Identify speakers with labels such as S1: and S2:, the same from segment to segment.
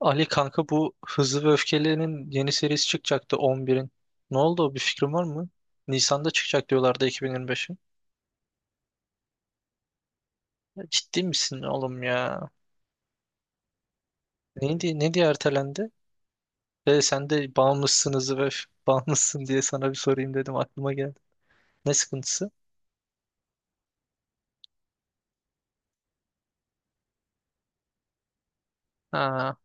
S1: Ali kanka, bu Hızlı ve Öfkeli'nin yeni serisi çıkacaktı 11'in. Ne oldu? Bir fikrin var mı? Nisan'da çıkacak diyorlardı 2025'in. Ya, ciddi misin oğlum ya? Neydi, ne diye ertelendi? Ve sen de bağımlısınız ve bağımlısın diye sana bir sorayım dedim, aklıma geldi. Ne sıkıntısı? Ha,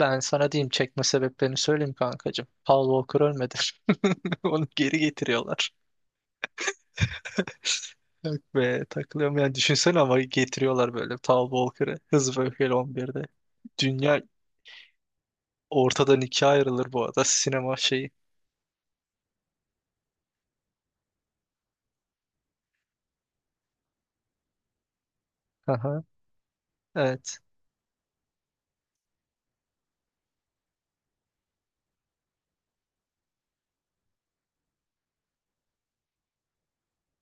S1: ben sana diyeyim, çekme sebeplerini söyleyeyim kankacığım. Paul Walker ölmedi. Onu geri getiriyorlar. Ve takılıyorum yani, düşünsene, ama getiriyorlar böyle Paul Walker'ı Hızlı ve Öfkeli 11'de. Dünya Ortadan ikiye ayrılır bu arada sinema şeyi. Aha, evet.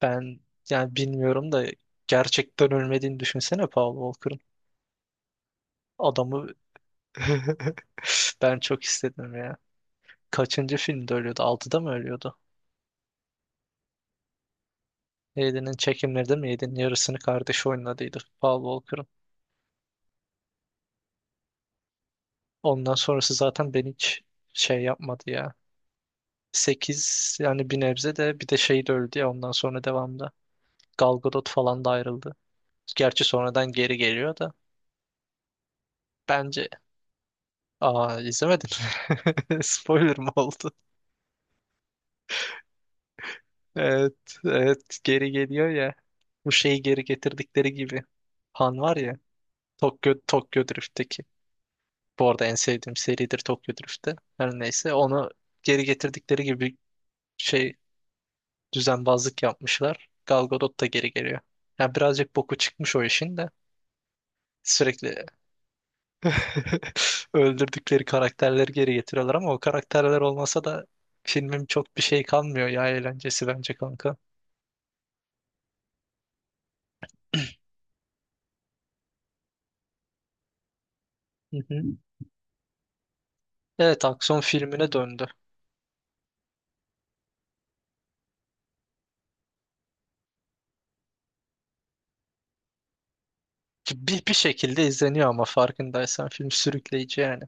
S1: Ben yani bilmiyorum da, gerçekten ölmediğini düşünsene Paul Walker'ın. Adamı ben çok istedim ya. Kaçıncı filmde ölüyordu? Altıda mı ölüyordu? Yedi'nin çekimleri de mi? Yedi'nin yarısını kardeşi oynadıydı Paul Walker'ın. Ondan sonrası zaten ben hiç şey yapmadı ya. 8 yani bir nebze, de bir de şey de öldü ya ondan sonra devamda. Gal Gadot falan da ayrıldı. Gerçi sonradan geri geliyor da. Bence Aa, izlemedin. Spoiler mı oldu? Evet, evet geri geliyor ya. Bu şeyi geri getirdikleri gibi. Han var ya. Tokyo Drift'teki. Bu arada en sevdiğim seridir Tokyo Drift'te. Her neyse, onu geri getirdikleri gibi şey, düzenbazlık yapmışlar. Gal Gadot da geri geliyor. Yani birazcık boku çıkmış o işin de. Sürekli öldürdükleri karakterleri geri getiriyorlar ama o karakterler olmasa da filmin çok bir şey kalmıyor ya, eğlencesi bence kanka. Hı hı. Evet, aksiyon filmine döndü. Ki bir şekilde izleniyor ama farkındaysan film sürükleyici yani.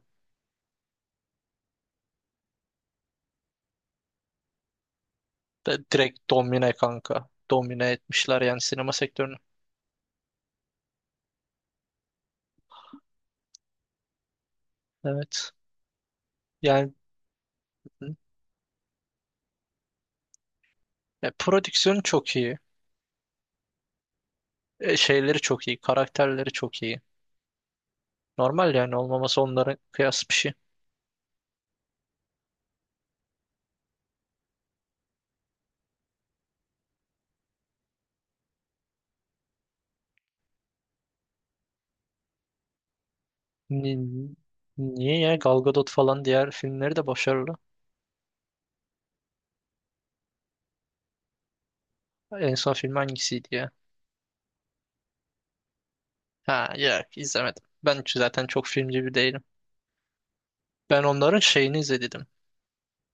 S1: Direkt domine kanka. Domine etmişler yani sinema sektörünü. Evet. Yani prodüksiyonu çok iyi. Şeyleri çok iyi. Karakterleri çok iyi. Normal yani olmaması onların, kıyas bir şey. Ni- Niye ya? Gal Gadot falan diğer filmleri de başarılı. En son film hangisiydi ya? Ha, yok, izlemedim. Ben zaten çok filmci bir değilim. Ben onların şeyini izledim.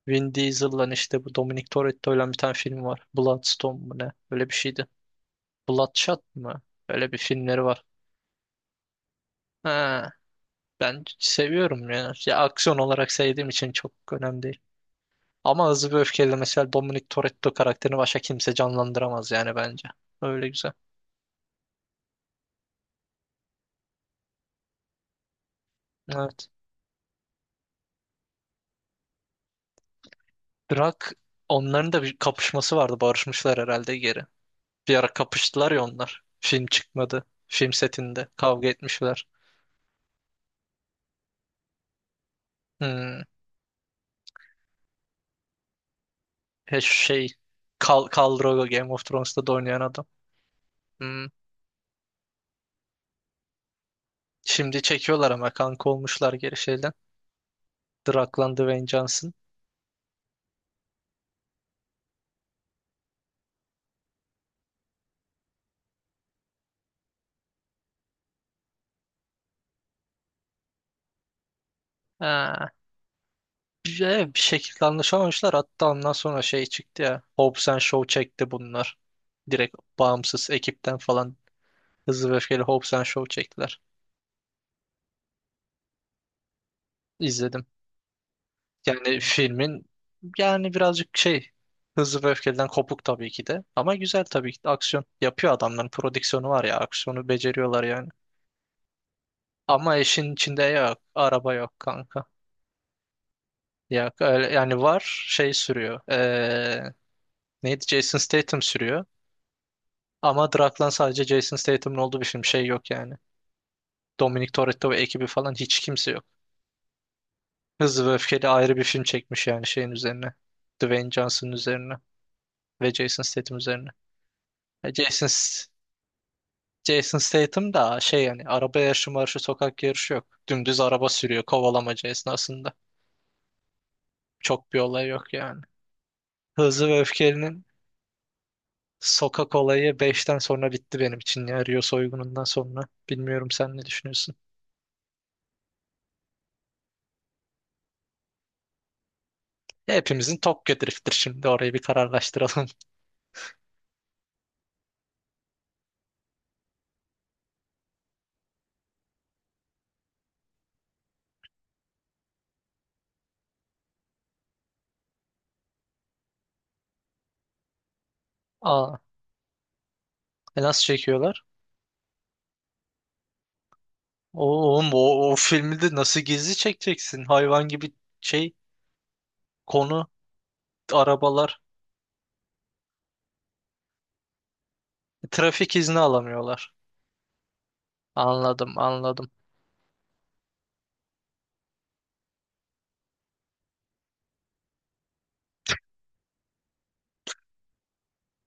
S1: Vin Diesel'la işte, bu Dominic Toretto'yla bir tane film var. Bloodstone mu ne? Öyle bir şeydi. Bloodshot mı? Öyle bir filmleri var. Ha, ben seviyorum ya. Ya, aksiyon olarak sevdiğim için çok önemli değil. Ama Hızlı ve Öfkeli mesela, Dominic Toretto karakterini başka kimse canlandıramaz yani bence. Öyle güzel. Evet. Drak, onların da bir kapışması vardı. Barışmışlar herhalde geri. Bir ara kapıştılar ya onlar. Film çıkmadı. Film setinde kavga etmişler. Hmm. He, şu şey, Khal Drogo, Game of Thrones'ta da oynayan adam. Hmm. Şimdi çekiyorlar ama kanka, olmuşlar geri şeyden. Draklan Dwayne Johnson. Ha. Bir şekilde anlaşamamışlar. Hatta ondan sonra şey çıktı ya. Hobbs and Shaw çekti bunlar. Direkt bağımsız ekipten falan Hızlı ve Öfkeli, Hobbs and Shaw çektiler. İzledim. Yani filmin, yani birazcık şey, Hızlı ve Öfkeli'den kopuk tabii ki de. Ama güzel tabii ki de. Aksiyon yapıyor adamların, prodüksiyonu var ya. Aksiyonu beceriyorlar yani. Ama işin içinde yok. Araba yok kanka. Yok öyle yani, var şey sürüyor. Neydi? Jason Statham sürüyor. Ama Draklan sadece Jason Statham'ın olduğu bir film. Şey yok yani. Dominic Toretto ve ekibi falan hiç kimse yok. Hızlı ve Öfkeli ayrı bir film çekmiş yani şeyin üzerine. Dwayne Johnson'ın üzerine ve Jason Statham üzerine. E, Jason S- Jason Statham da şey yani, araba yarışı marşı sokak yarışı yok. Dümdüz araba sürüyor kovalamaca esnasında. Çok bir olay yok yani. Hızlı ve Öfkeli'nin sokak olayı beşten sonra bitti benim için ya, Rio soygunundan sonra. Bilmiyorum, sen ne düşünüyorsun? Ya, hepimizin Tokyo Drift'tir şimdi, orayı bir kararlaştıralım. Aa, nasıl çekiyorlar? Oğlum o filmi de nasıl gizli çekeceksin? Hayvan gibi şey, konu arabalar. Trafik izni alamıyorlar. Anladım, anladım.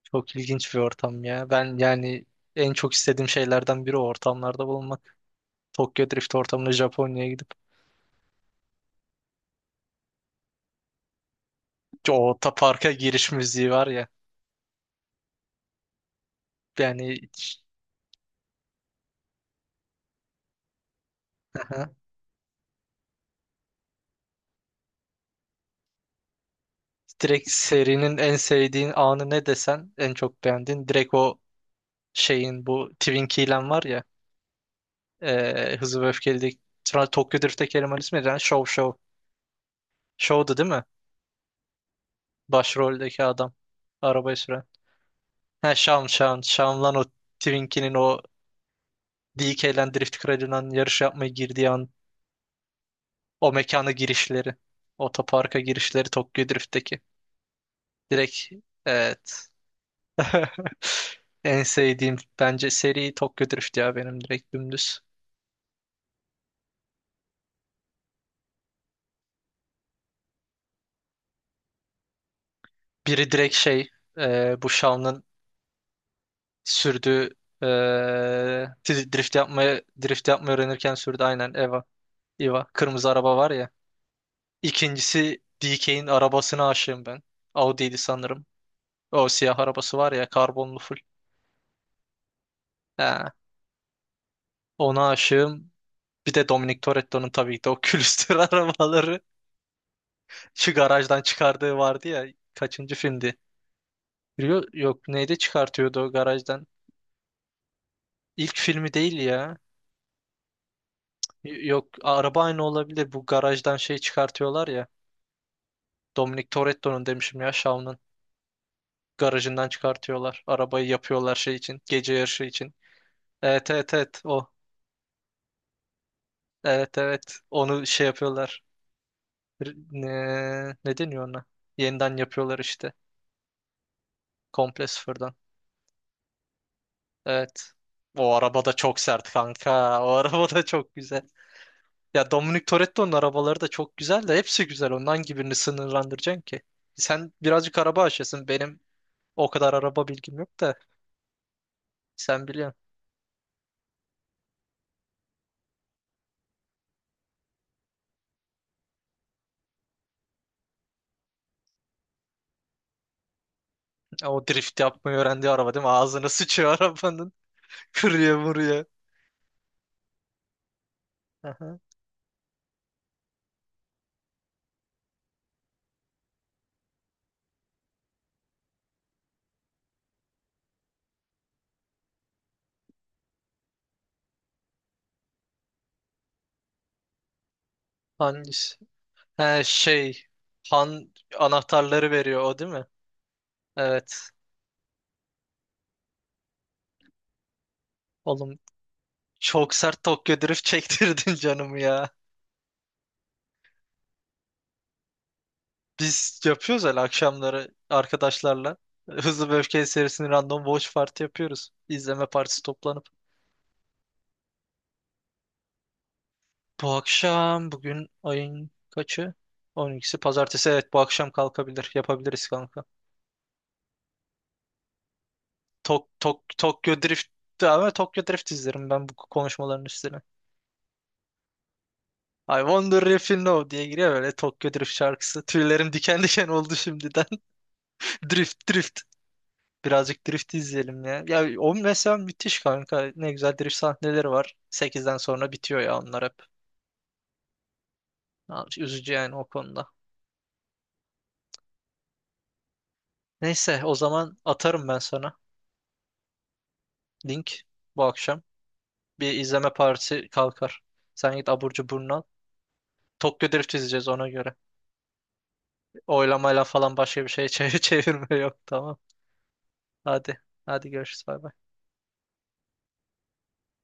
S1: Çok ilginç bir ortam ya. Ben yani en çok istediğim şeylerden biri o ortamlarda bulunmak. Tokyo Drift ortamına, Japonya'ya gidip, o ta parka giriş müziği var ya. Yani. Aha. Direkt serinin en sevdiğin anı ne desen, en çok beğendiğin direkt o şeyin, bu Twin Key'len var ya, Hızlı ve Öfkeli'deki, sonra Tokyo Drift'teki elemanın ismi neydi lan? Show. Show'du değil mi? Başroldeki adam. Arabayı süren. He, Shawn. Shawn lan o, Twin Key'nin o DK'len Drift Kralından yarış yapmaya girdiği an, o mekana girişleri. Otoparka girişleri Tokyo Drift'teki. Direkt, evet. En sevdiğim bence seri Tokyo Drift ya, benim direkt dümdüz. Biri direkt şey, bu Shaun'ın sürdüğü, e, drift yapmayı öğrenirken sürdü, aynen, Eva. Eva kırmızı araba var ya. İkincisi DK'nin arabasına aşığım ben. Audi'ydi sanırım. O siyah arabası var ya, karbonlu full. Ha, ona aşığım. Bir de Dominic Toretto'nun tabii ki de o külüstür arabaları, şu garajdan çıkardığı vardı ya, kaçıncı filmdi? Rio, yok neydi, çıkartıyordu o garajdan? İlk filmi değil ya. Yok, araba aynı olabilir. Bu garajdan şey çıkartıyorlar ya. Dominic Toretto'nun demişim ya, Shaun'un garajından çıkartıyorlar. Arabayı yapıyorlar şey için, gece yarışı için. Evet, evet, evet, o. Evet, evet. Onu şey yapıyorlar. R- Ne, ne deniyor ona? Yeniden yapıyorlar işte. Komple sıfırdan. Evet. O araba da çok sert kanka. O araba da çok güzel. Ya, Dominic Toretto'nun arabaları da çok güzel de, hepsi güzel. Ondan gibi birini sınırlandıracaksın ki? Sen birazcık araba aşasın. Benim o kadar araba bilgim yok da sen biliyorsun. O drift yapmayı öğrendiği araba değil mi? Ağzına sıçıyor arabanın. Kırıyor, vuruyor. Aha. Hangisi? He şey. Han anahtarları veriyor, o değil mi? Evet. Oğlum çok sert Tokyo Drift çektirdin canımı ya. Biz yapıyoruz öyle akşamları arkadaşlarla. Hızlı ve Öfkeli serisinin random watch party yapıyoruz. İzleme partisi, toplanıp. Bu akşam, bugün ayın kaçı? 12'si, pazartesi, evet, bu akşam kalkabilir. Yapabiliriz kanka. Tokyo Drift, ama Tokyo Drift izlerim ben bu konuşmaların üstüne. I wonder if you know diye giriyor böyle Tokyo Drift şarkısı. Tüylerim diken diken oldu şimdiden. Drift drift. Birazcık drift izleyelim ya. Ya, o mesela müthiş kanka. Ne güzel drift sahneleri var. Sekizden sonra bitiyor ya, onlar hep. Ya, üzücü yani o konuda. Neyse, o zaman atarım ben sana link bu akşam. Bir izleme partisi kalkar. Sen git abur cuburunu al. Tokyo Drift izleyeceğiz ona göre. Oylamayla falan başka bir şey çevirme yok, tamam. Hadi. Hadi, görüşürüz, bay bay.